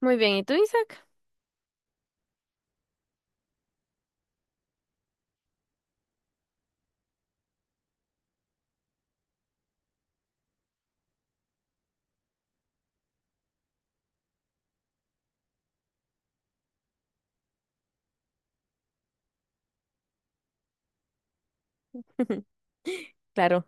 Muy bien, ¿y tú, Isaac? Claro.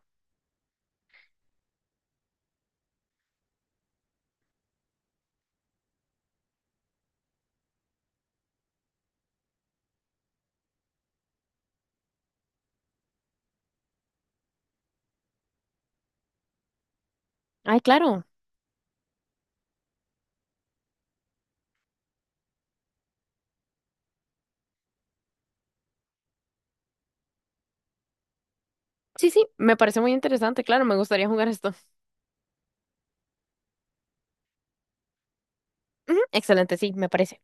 Ay, claro. Sí, sí, me parece muy interesante, claro, me gustaría jugar esto. Ujú, excelente, sí, me parece.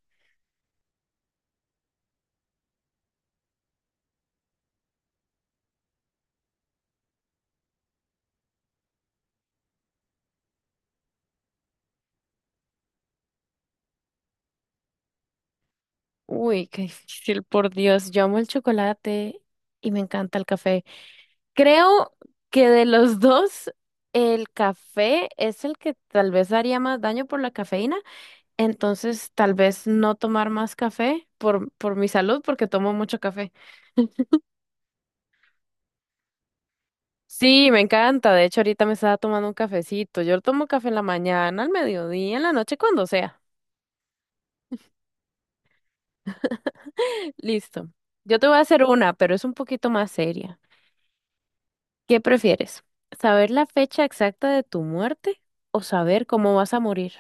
Uy, qué difícil, por Dios. Yo amo el chocolate y me encanta el café. Creo que de los dos, el café es el que tal vez haría más daño por la cafeína. Entonces, tal vez no tomar más café por mi salud, porque tomo mucho café. Sí, me encanta. De hecho, ahorita me estaba tomando un cafecito. Yo tomo café en la mañana, al mediodía, en la noche, cuando sea. Listo. Yo te voy a hacer una, pero es un poquito más seria. ¿Qué prefieres? ¿Saber la fecha exacta de tu muerte o saber cómo vas a morir?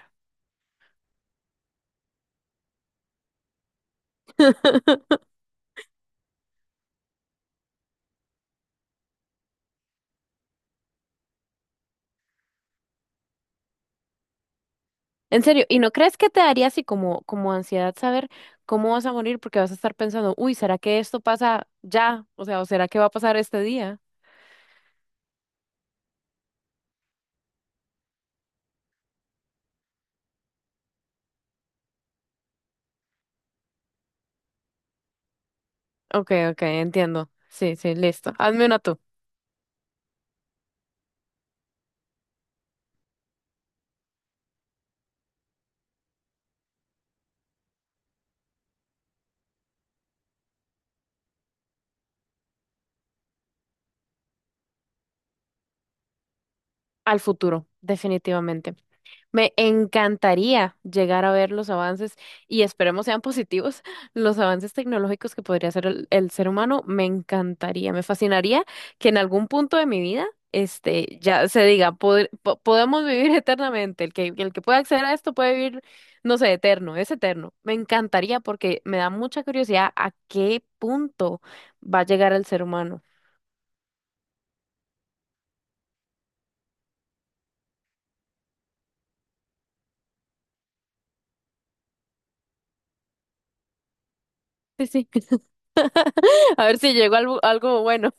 En serio, ¿y no crees que te daría así como, como ansiedad saber cómo vas a morir? Porque vas a estar pensando, uy, ¿será que esto pasa ya? O sea, ¿o será que va a pasar este día? Ok, ok, entiendo. Sí, sí, listo. Hazme una tú. Al futuro, definitivamente. Me encantaría llegar a ver los avances y esperemos sean positivos los avances tecnológicos que podría hacer el ser humano. Me encantaría, me fascinaría que en algún punto de mi vida, ya se diga, podemos vivir eternamente. El que pueda acceder a esto puede vivir, no sé, eterno, es eterno. Me encantaría porque me da mucha curiosidad a qué punto va a llegar el ser humano. Sí, sí. A ver si llegó algo, algo bueno.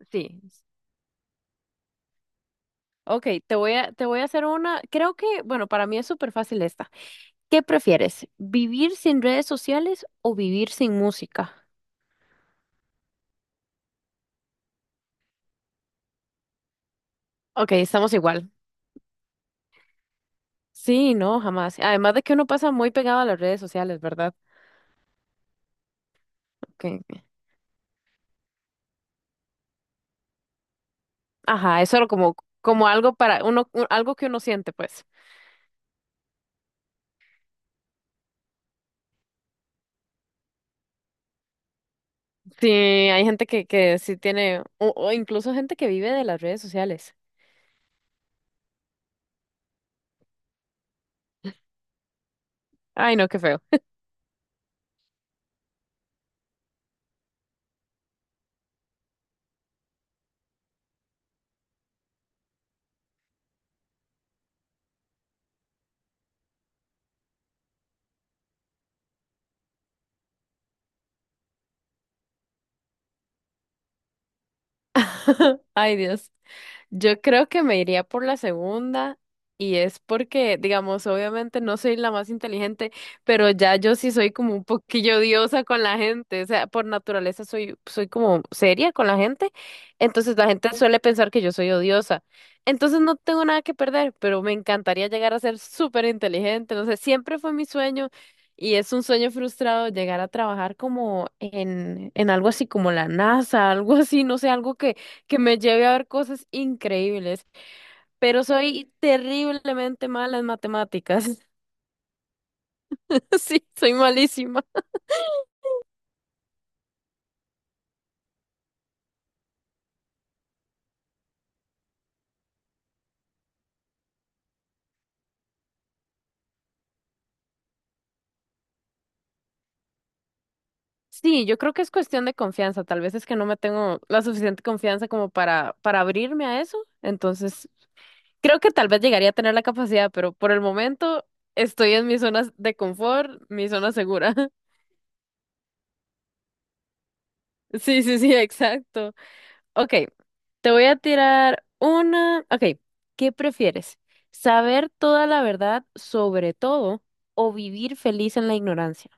Sí. Ok, te voy a hacer una, creo que, bueno, para mí es súper fácil esta. ¿Qué prefieres? ¿Vivir sin redes sociales o vivir sin música? Ok, estamos igual. Sí, no, jamás. Además de que uno pasa muy pegado a las redes sociales, ¿verdad? Okay. Ajá, eso era como, como algo para uno, algo que uno siente, pues. Sí, hay gente que sí tiene, o incluso gente que vive de las redes sociales. Ay, no, qué feo. Ay, Dios. Yo creo que me iría por la segunda y es porque, digamos, obviamente no soy la más inteligente, pero ya yo sí soy como un poquillo diosa con la gente, o sea, por naturaleza soy como seria con la gente, entonces la gente suele pensar que yo soy odiosa, entonces no tengo nada que perder, pero me encantaría llegar a ser súper inteligente, no sé, siempre fue mi sueño y es un sueño frustrado llegar a trabajar como en algo así como la NASA, algo así, no sé, algo que me lleve a ver cosas increíbles, pero soy terriblemente mala en matemáticas. Sí, soy malísima. Sí, yo creo que es cuestión de confianza. Tal vez es que no me tengo la suficiente confianza como para abrirme a eso. Entonces, creo que tal vez llegaría a tener la capacidad, pero por el momento estoy en mi zona de confort, mi zona segura. Sí, sí, sí, exacto. Ok, te voy a tirar una. Ok, ¿qué prefieres? ¿Saber toda la verdad sobre todo o vivir feliz en la ignorancia?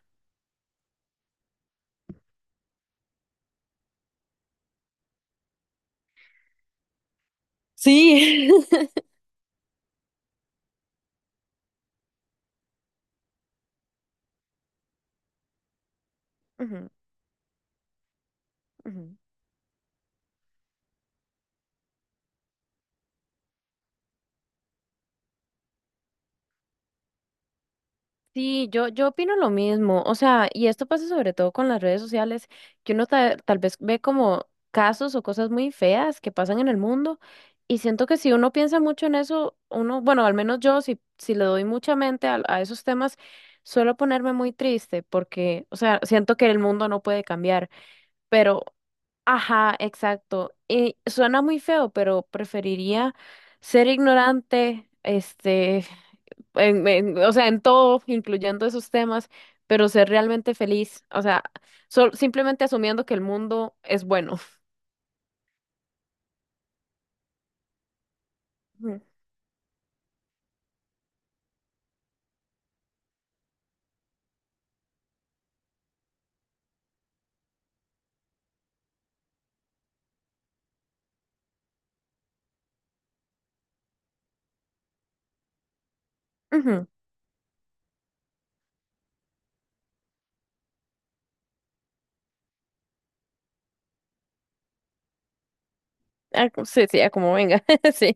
Sí. Ujú, ujú. Sí, yo opino lo mismo, o sea, y esto pasa sobre todo con las redes sociales, que uno tal vez ve como casos o cosas muy feas que pasan en el mundo, y siento que si uno piensa mucho en eso, uno, bueno, al menos yo, si le doy mucha mente a esos temas, suelo ponerme muy triste, porque, o sea, siento que el mundo no puede cambiar, pero, ajá, exacto, y suena muy feo, pero preferiría ser ignorante, o sea, en todo, incluyendo esos temas, pero ser realmente feliz, o sea, simplemente asumiendo que el mundo es bueno. Ujú. Ujú. Ah, sí, sí, ah, como venga, sí.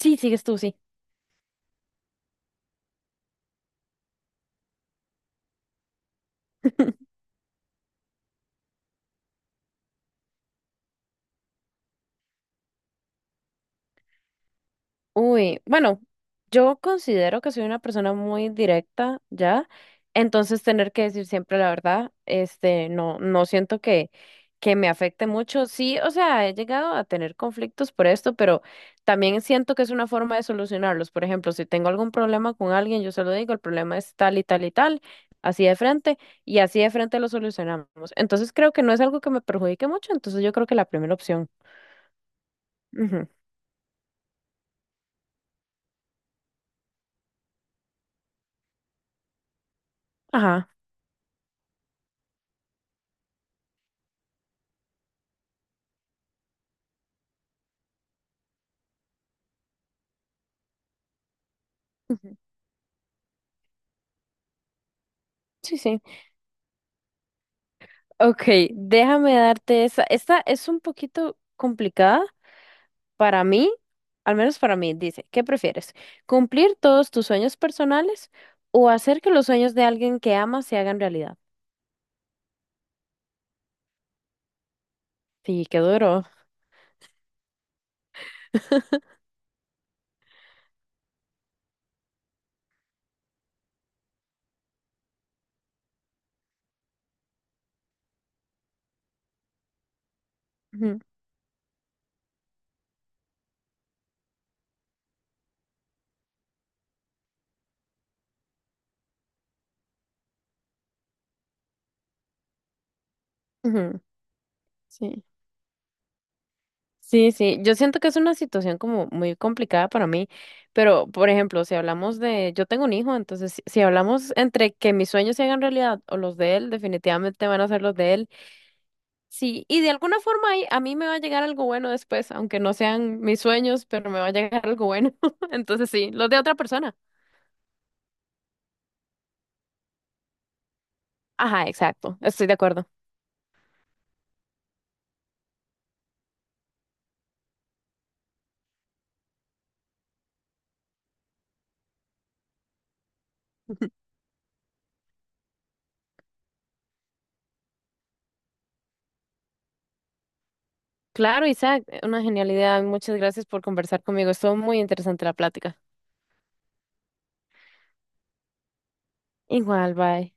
Sí, sigues tú, sí. Uy, bueno, yo considero que soy una persona muy directa ya, entonces tener que decir siempre la verdad, este, no, no siento que me afecte mucho. Sí, o sea, he llegado a tener conflictos por esto, pero también siento que es una forma de solucionarlos. Por ejemplo, si tengo algún problema con alguien, yo se lo digo, el problema es tal y tal y tal, así de frente, y así de frente lo solucionamos. Entonces creo que no es algo que me perjudique mucho, entonces yo creo que la primera opción. Ujú. Ajá. Ujú. Sí, sí. Ok, déjame darte esa. Esta es un poquito complicada para mí, al menos para mí. Dice, ¿qué prefieres? ¿Cumplir todos tus sueños personales o hacer que los sueños de alguien que amas se hagan realidad? Sí, qué duro. Ujú, ujú, sí. Sí, sí, yo siento que es una situación como muy complicada para mí, pero por ejemplo, si hablamos de, yo tengo un hijo, entonces si hablamos entre que mis sueños se hagan realidad o los de él, definitivamente van a ser los de él. Sí, y de alguna forma ahí a mí me va a llegar algo bueno después, aunque no sean mis sueños, pero me va a llegar algo bueno. Entonces sí, los de otra persona. Ajá, exacto, estoy de acuerdo. Claro, Isaac, una genialidad. Muchas gracias por conversar conmigo. Estuvo muy interesante la plática. Igual, bye.